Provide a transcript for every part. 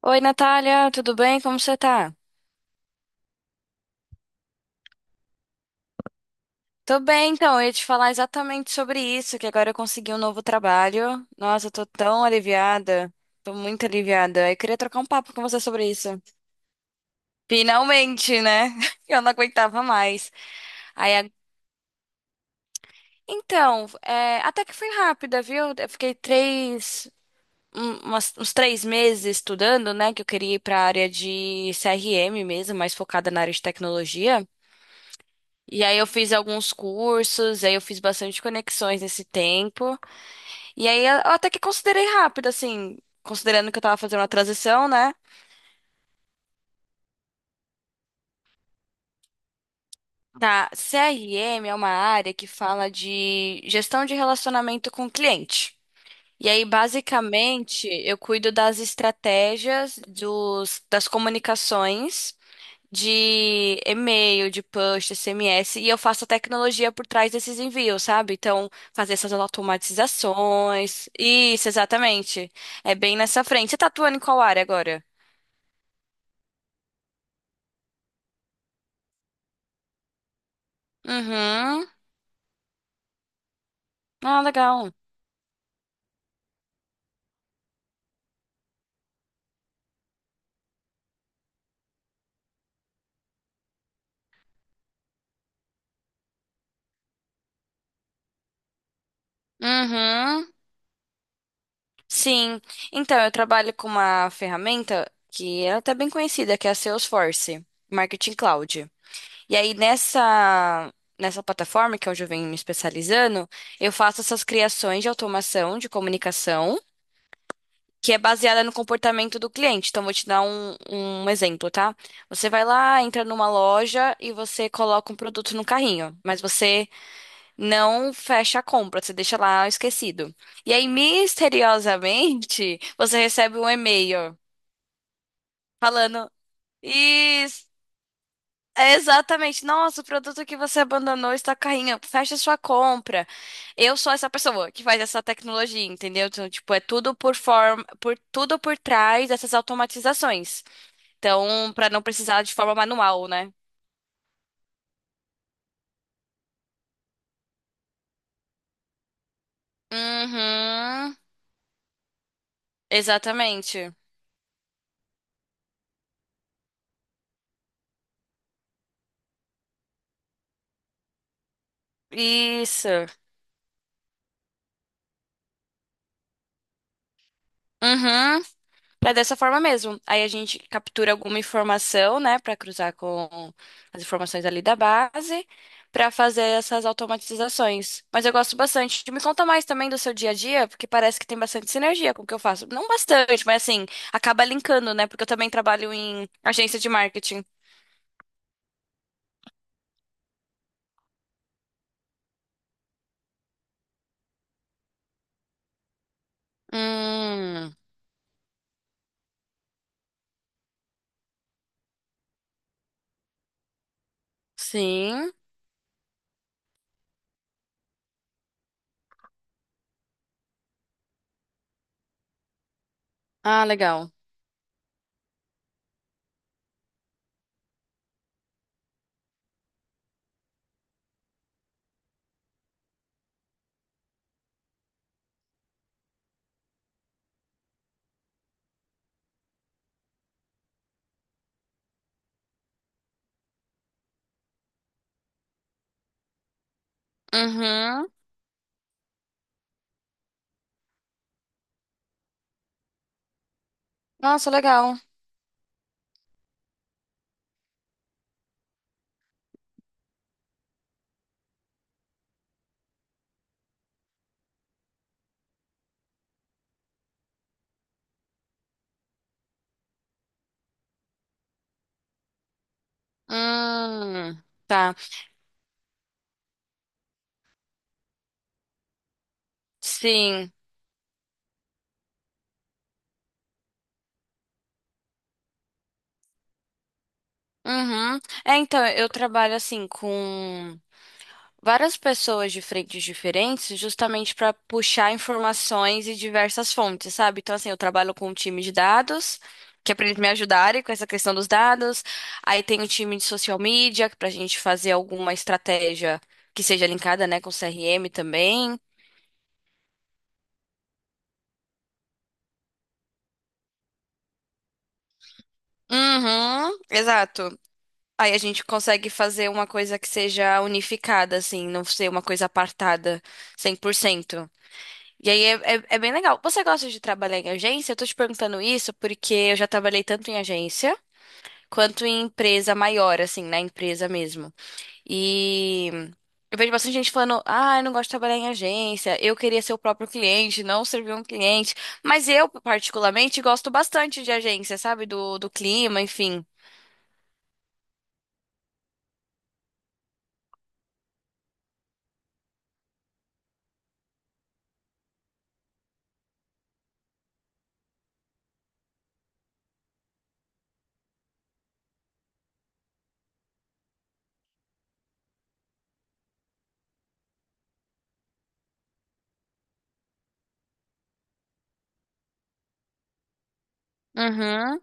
Oi, Natália, tudo bem? Como você tá? Tô bem, então, eu ia te falar exatamente sobre isso, que agora eu consegui um novo trabalho. Nossa, eu tô tão aliviada. Tô muito aliviada. Eu queria trocar um papo com você sobre isso. Finalmente, né? Eu não aguentava mais. Aí, então, é, até que foi rápida, viu? Eu fiquei uns três meses estudando, né? Que eu queria ir pra área de CRM mesmo, mais focada na área de tecnologia. E aí eu fiz alguns cursos, aí eu fiz bastante conexões nesse tempo. E aí eu até que considerei rápido, assim, considerando que eu tava fazendo uma transição, né? Tá, CRM é uma área que fala de gestão de relacionamento com o cliente. E aí, basicamente, eu cuido das estratégias, dos, das comunicações de e-mail, de push, SMS, e eu faço a tecnologia por trás desses envios, sabe? Então, fazer essas automatizações. Isso, exatamente. É bem nessa frente. Você tá atuando em qual área agora? Uhum. Ah, legal. Uhum. Sim. Então, eu trabalho com uma ferramenta que é até bem conhecida, que é a Salesforce Marketing Cloud. E aí, nessa. Nessa plataforma, que é onde eu venho me especializando, eu faço essas criações de automação de comunicação que é baseada no comportamento do cliente. Então, vou te dar um exemplo, tá? Você vai lá, entra numa loja e você coloca um produto no carrinho, mas você não fecha a compra, você deixa lá esquecido. E aí, misteriosamente, você recebe um e-mail falando: Isso, é exatamente, nossa, o produto que você abandonou está no carrinho, fecha sua compra. Eu sou essa pessoa que faz essa tecnologia, entendeu? Então, tipo, é tudo por forma, por tudo por trás dessas automatizações. Então, pra não precisar de forma manual, né? Uhum. Exatamente. Isso. Uhum. Pra dessa forma mesmo. Aí a gente captura alguma informação, né, pra cruzar com as informações ali da base, pra fazer essas automatizações. Mas eu gosto bastante. Me conta mais também do seu dia a dia, porque parece que tem bastante sinergia com o que eu faço. Não bastante, mas assim, acaba linkando, né? Porque eu também trabalho em agência de marketing. Hum, sim. Ah, legal. Uhum. Nossa, legal. Hum, tá. Sim. Uhum. É, então, eu trabalho assim com várias pessoas de frentes diferentes, justamente para puxar informações e diversas fontes, sabe? Então, assim, eu trabalho com um time de dados, que é para eles me ajudarem com essa questão dos dados. Aí tem o time de social media, para a gente fazer alguma estratégia que seja linkada, né, com CRM também. Uhum, exato. Aí a gente consegue fazer uma coisa que seja unificada, assim, não ser uma coisa apartada 100%. E aí é bem legal. Você gosta de trabalhar em agência? Eu tô te perguntando isso porque eu já trabalhei tanto em agência quanto em empresa maior, assim, na empresa mesmo. E eu vejo bastante gente falando, ah, eu não gosto de trabalhar em agência, eu queria ser o próprio cliente, não servir um cliente. Mas eu, particularmente, gosto bastante de agência, sabe? Do clima, enfim. Uhum.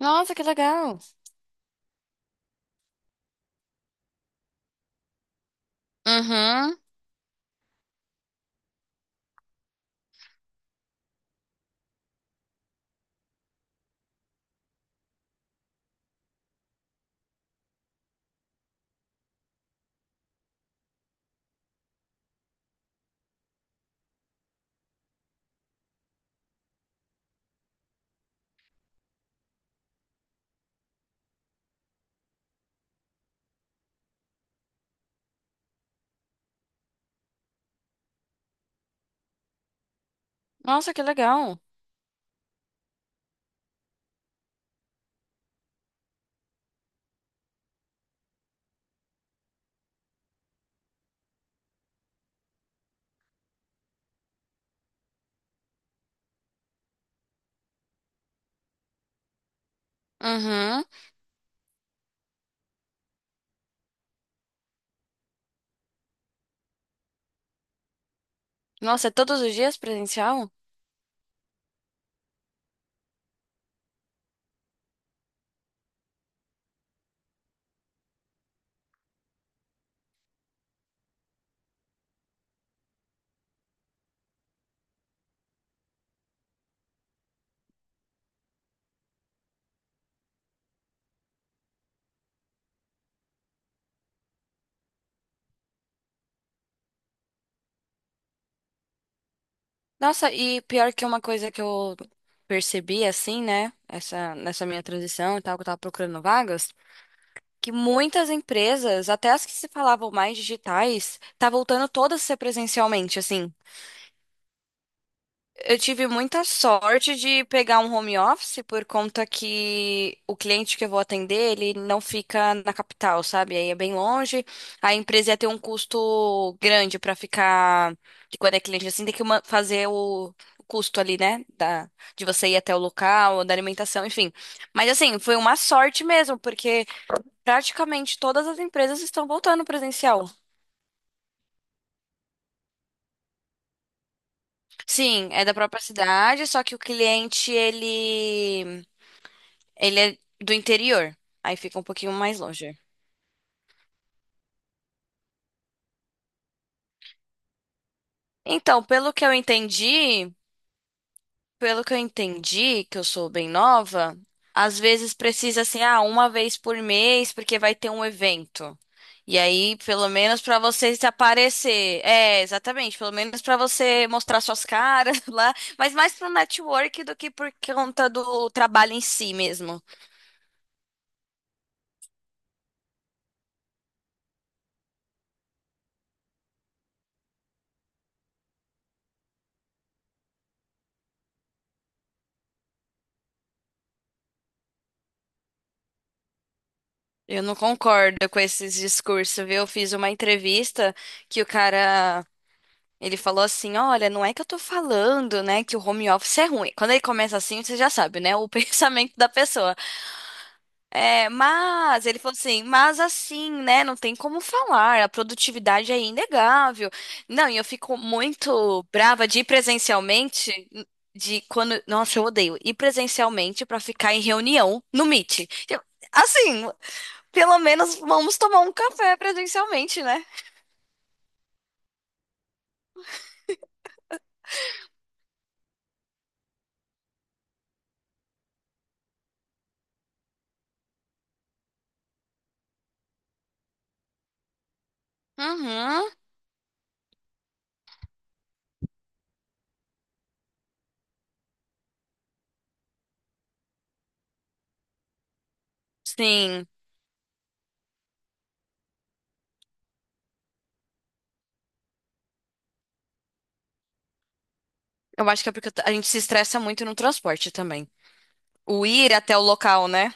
Nossa, que legal. Uhum. Nossa, que legal. Uhum. Nossa, é todos os dias presencial? Nossa, e pior que uma coisa que eu percebi assim, né? Nessa minha transição e tal, que eu tava procurando vagas, que muitas empresas, até as que se falavam mais digitais, tá voltando todas a ser presencialmente, assim. Eu tive muita sorte de pegar um home office por conta que o cliente que eu vou atender, ele não fica na capital, sabe? Aí é bem longe. A empresa ia ter um custo grande pra ficar, que quando é cliente assim, tem que fazer o custo ali, né, da de você ir até o local, da alimentação, enfim. Mas assim, foi uma sorte mesmo, porque praticamente todas as empresas estão voltando presencial. Sim, é da própria cidade, só que o cliente ele é do interior, aí fica um pouquinho mais longe. Então, pelo que eu entendi, que eu sou bem nova, às vezes precisa assim, ah, uma vez por mês, porque vai ter um evento. E aí, pelo menos pra você se aparecer. É, exatamente, pelo menos pra você mostrar suas caras lá, mas mais pro network do que por conta do trabalho em si mesmo. Eu não concordo com esses discursos, viu? Eu fiz uma entrevista que o cara ele falou assim: Olha, não é que eu tô falando, né, que o home office é ruim. Quando ele começa assim, você já sabe, né, o pensamento da pessoa. É, mas, ele falou assim: Mas assim, né, não tem como falar, a produtividade é inegável. Não, e eu fico muito brava de ir presencialmente. De quando. Nossa, eu odeio ir presencialmente pra ficar em reunião no Meet. Eu- assim, pelo menos vamos tomar um café presencialmente, né? Uhum. Sim. Eu acho que é porque a gente se estressa muito no transporte também. O ir até o local, né?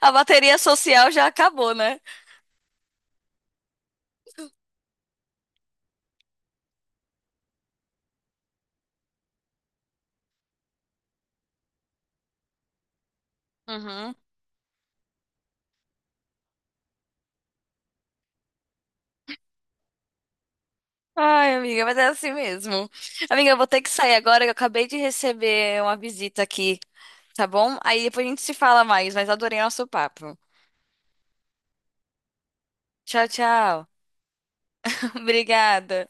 A bateria social já acabou, né? Uhum. Ai, amiga, mas é assim mesmo. Amiga, eu vou ter que sair agora, que eu acabei de receber uma visita aqui, tá bom? Aí depois a gente se fala mais, mas adorei nosso papo. Tchau, tchau. Obrigada.